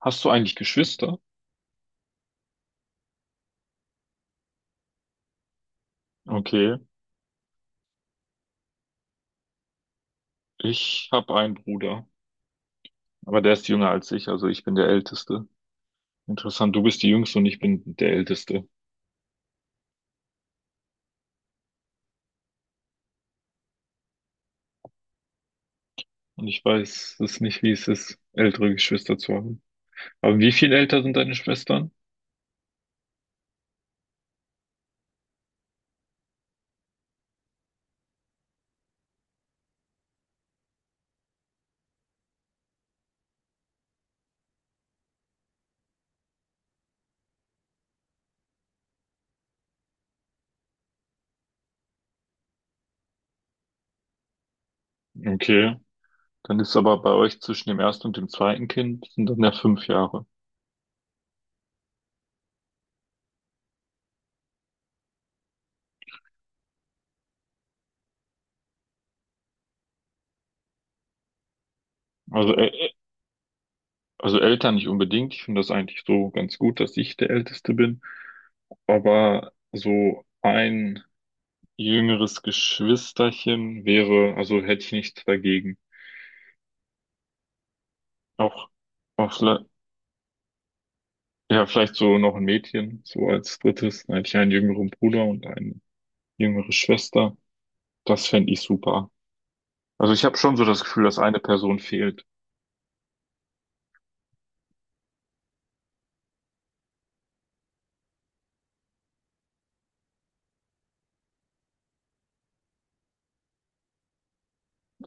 Hast du eigentlich Geschwister? Okay, ich habe einen Bruder, aber der ist jünger als ich, also ich bin der Älteste. Interessant, du bist die Jüngste und ich bin der Älteste. Und ich weiß es nicht, wie es ist, ältere Geschwister zu haben. Aber wie viel älter sind deine Schwestern? Okay, dann ist aber bei euch zwischen dem ersten und dem zweiten Kind sind dann ja 5 Jahre. Also, ä- ä- also älter nicht unbedingt. Ich finde das eigentlich so ganz gut, dass ich der Älteste bin. Aber so ein jüngeres Geschwisterchen wäre, also hätte ich nichts dagegen. Auch, auch vielleicht, ja, vielleicht so noch ein Mädchen, so als drittes. Dann hätte ich einen jüngeren Bruder und eine jüngere Schwester. Das fände ich super. Also ich habe schon so das Gefühl, dass eine Person fehlt.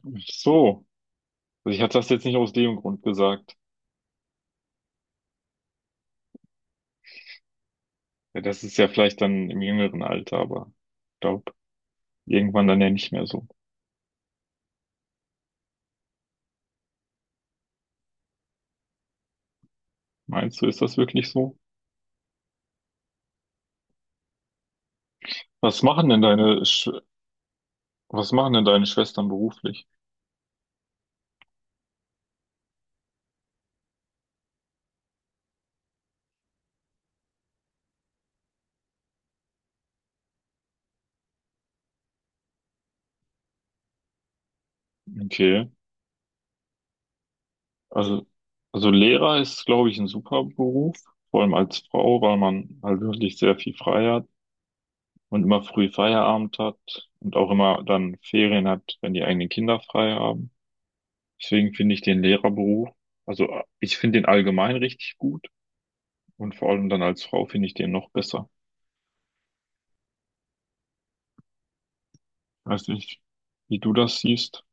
Ach so. Also ich hatte das jetzt nicht aus dem Grund gesagt. Ja, das ist ja vielleicht dann im jüngeren Alter, aber ich glaube, irgendwann dann ja nicht mehr so. Meinst du, ist das wirklich so? Was machen denn deine, Sch Was machen denn deine Schwestern beruflich? Okay. Also, also Lehrer ist, glaube ich, ein super Beruf, vor allem als Frau, weil man halt wirklich sehr viel frei hat und immer früh Feierabend hat und auch immer dann Ferien hat, wenn die eigenen Kinder frei haben. Deswegen finde ich den Lehrerberuf, also ich finde den allgemein richtig gut und vor allem dann als Frau finde ich den noch besser. Weiß nicht, wie du das siehst.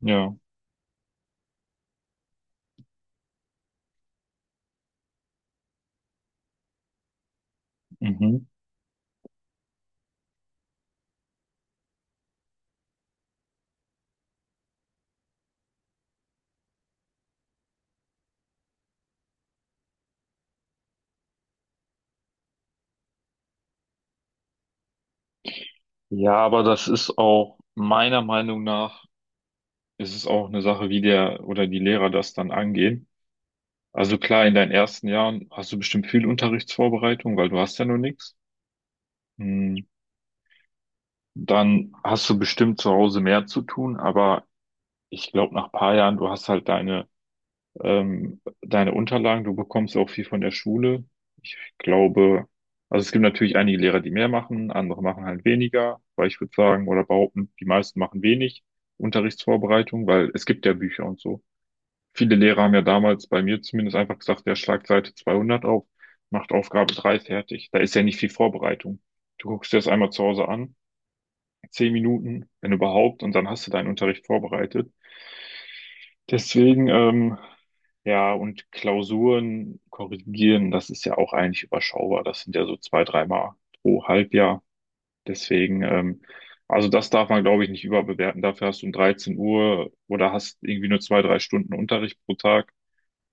Ja, mhm. Ja, aber das ist auch meiner Meinung nach, ist es auch eine Sache, wie der oder die Lehrer das dann angehen. Also klar, in deinen ersten Jahren hast du bestimmt viel Unterrichtsvorbereitung, weil du hast ja nur nichts. Hm, Dann hast du bestimmt zu Hause mehr zu tun, aber ich glaube, nach paar Jahren, du hast halt deine Unterlagen, du bekommst auch viel von der Schule. Ich glaube, also es gibt natürlich einige Lehrer, die mehr machen, andere machen halt weniger, weil ich würde sagen oder behaupten, die meisten machen wenig Unterrichtsvorbereitung, weil es gibt ja Bücher und so. Viele Lehrer haben ja damals bei mir zumindest einfach gesagt, ja, schlag Seite 200 auf, macht Aufgabe 3 fertig. Da ist ja nicht viel Vorbereitung. Du guckst dir das einmal zu Hause an, 10 Minuten, wenn überhaupt, und dann hast du deinen Unterricht vorbereitet. Deswegen, ja, und Klausuren korrigieren, das ist ja auch eigentlich überschaubar. Das sind ja so zwei, dreimal pro Halbjahr. Deswegen, also das darf man, glaube ich, nicht überbewerten. Dafür hast du um 13 Uhr oder hast irgendwie nur zwei, drei Stunden Unterricht pro Tag,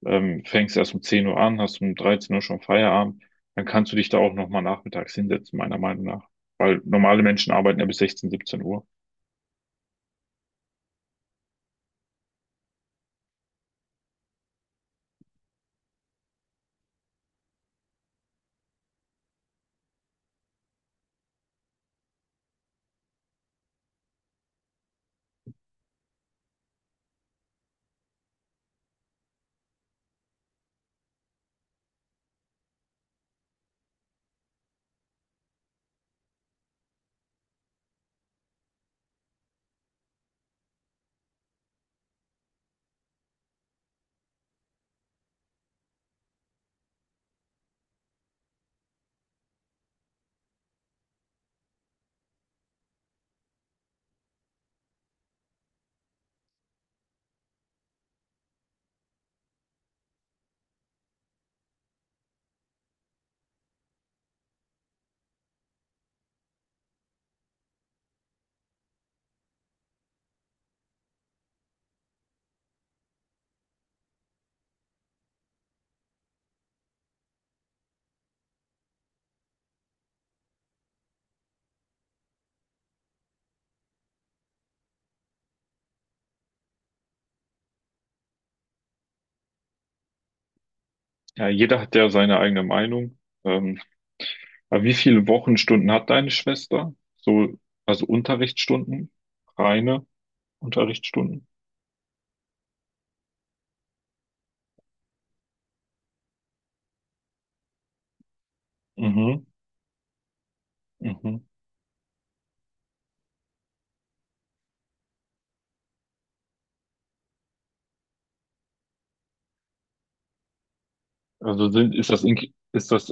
fängst erst um 10 Uhr an, hast um 13 Uhr schon Feierabend, dann kannst du dich da auch nochmal nachmittags hinsetzen, meiner Meinung nach. Weil normale Menschen arbeiten ja bis 16, 17 Uhr. Ja, jeder hat ja seine eigene Meinung. Ähm, aber wie viele Wochenstunden hat deine Schwester? So, also Unterrichtsstunden, reine Unterrichtsstunden. Mhm, mhm. Also sind, ist das, ink- ist das,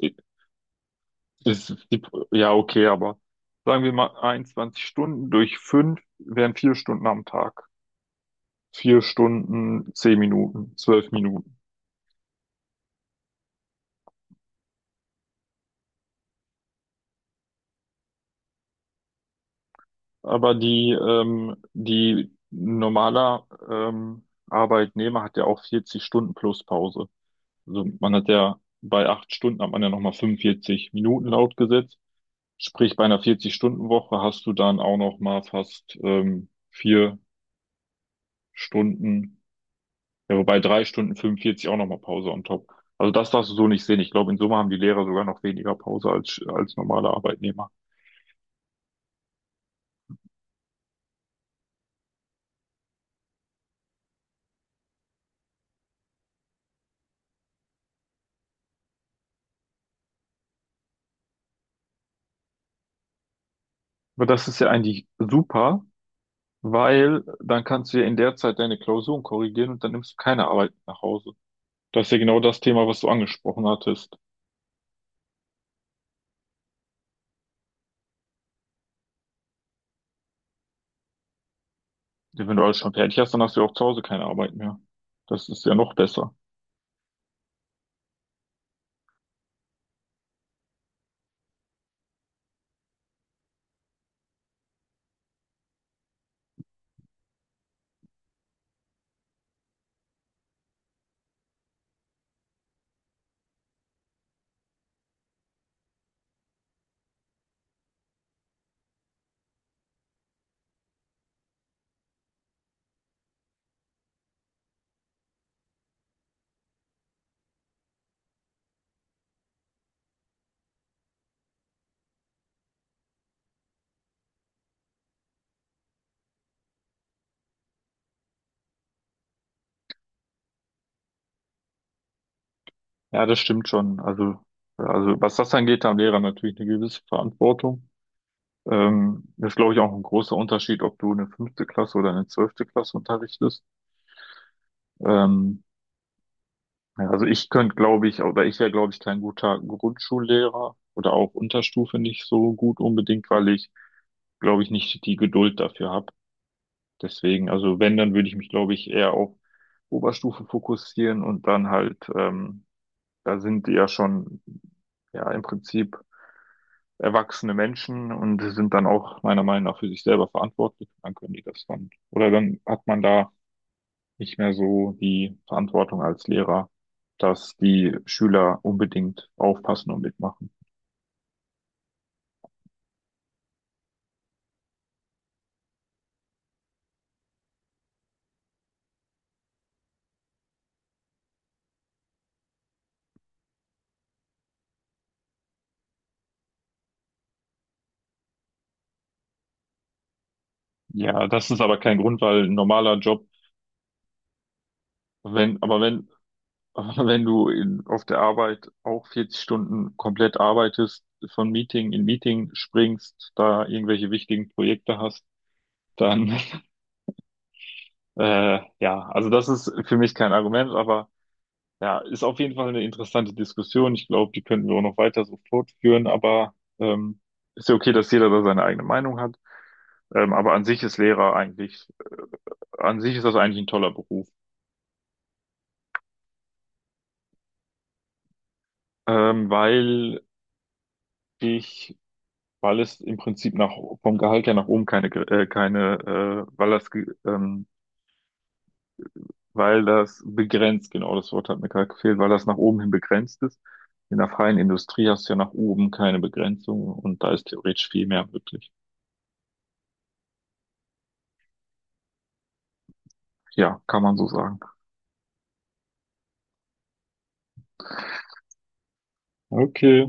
ist die, ja, okay, aber sagen wir mal 21 Stunden durch fünf wären 4 Stunden am Tag. 4 Stunden, 10 Minuten, 12 Minuten. Aber die normaler Arbeitnehmer hat ja auch 40 Stunden plus Pause. Also man hat ja bei 8 Stunden hat man ja nochmal 45 Minuten laut Gesetz. Sprich, bei einer 40-Stunden-Woche hast du dann auch nochmal fast 4 Stunden, ja, wobei 3 Stunden 45 auch nochmal Pause on top. Also das darfst du so nicht sehen. Ich glaube, in Summe haben die Lehrer sogar noch weniger Pause als normale Arbeitnehmer. Aber das ist ja eigentlich super, weil dann kannst du ja in der Zeit deine Klausuren korrigieren und dann nimmst du keine Arbeit mit nach Hause. Das ist ja genau das Thema, was du angesprochen hattest. Ja, wenn du alles schon fertig hast, dann hast du ja auch zu Hause keine Arbeit mehr. Das ist ja noch besser. Ja, das stimmt schon. Also, ja, also was das angeht, da haben Lehrer natürlich eine gewisse Verantwortung. Das ist, glaube ich, auch ein großer Unterschied, ob du eine fünfte Klasse oder eine 12. Klasse unterrichtest. Ähm, Ja, also ich könnte, glaube ich, oder ich wäre, glaube ich, kein guter Grundschullehrer oder auch Unterstufe nicht so gut unbedingt, weil ich, glaube ich, nicht die Geduld dafür habe. Deswegen, also wenn, dann würde ich mich, glaube ich, eher auf Oberstufe fokussieren und dann halt, da sind die ja schon, ja, im Prinzip erwachsene Menschen und sind dann auch meiner Meinung nach für sich selber verantwortlich. Dann können die das dann, oder dann hat man da nicht mehr so die Verantwortung als Lehrer, dass die Schüler unbedingt aufpassen und mitmachen. Ja, das ist aber kein Grund, weil ein normaler Job, wenn, aber wenn, wenn du in, auf der Arbeit auch 40 Stunden komplett arbeitest, von Meeting in Meeting springst, da irgendwelche wichtigen Projekte hast, dann, ja, also das ist für mich kein Argument, aber ja, ist auf jeden Fall eine interessante Diskussion. Ich glaube, die könnten wir auch noch weiter so fortführen, aber ist ja okay, dass jeder da seine eigene Meinung hat. Aber an sich ist das eigentlich ein toller Beruf, weil ich, weil es im Prinzip nach, vom Gehalt her nach oben keine, keine, weil das, weil das begrenzt, genau das Wort hat mir gerade gefehlt, weil das nach oben hin begrenzt ist. In der freien Industrie hast du ja nach oben keine Begrenzung und da ist theoretisch viel mehr möglich. Ja, kann man so sagen. Okay.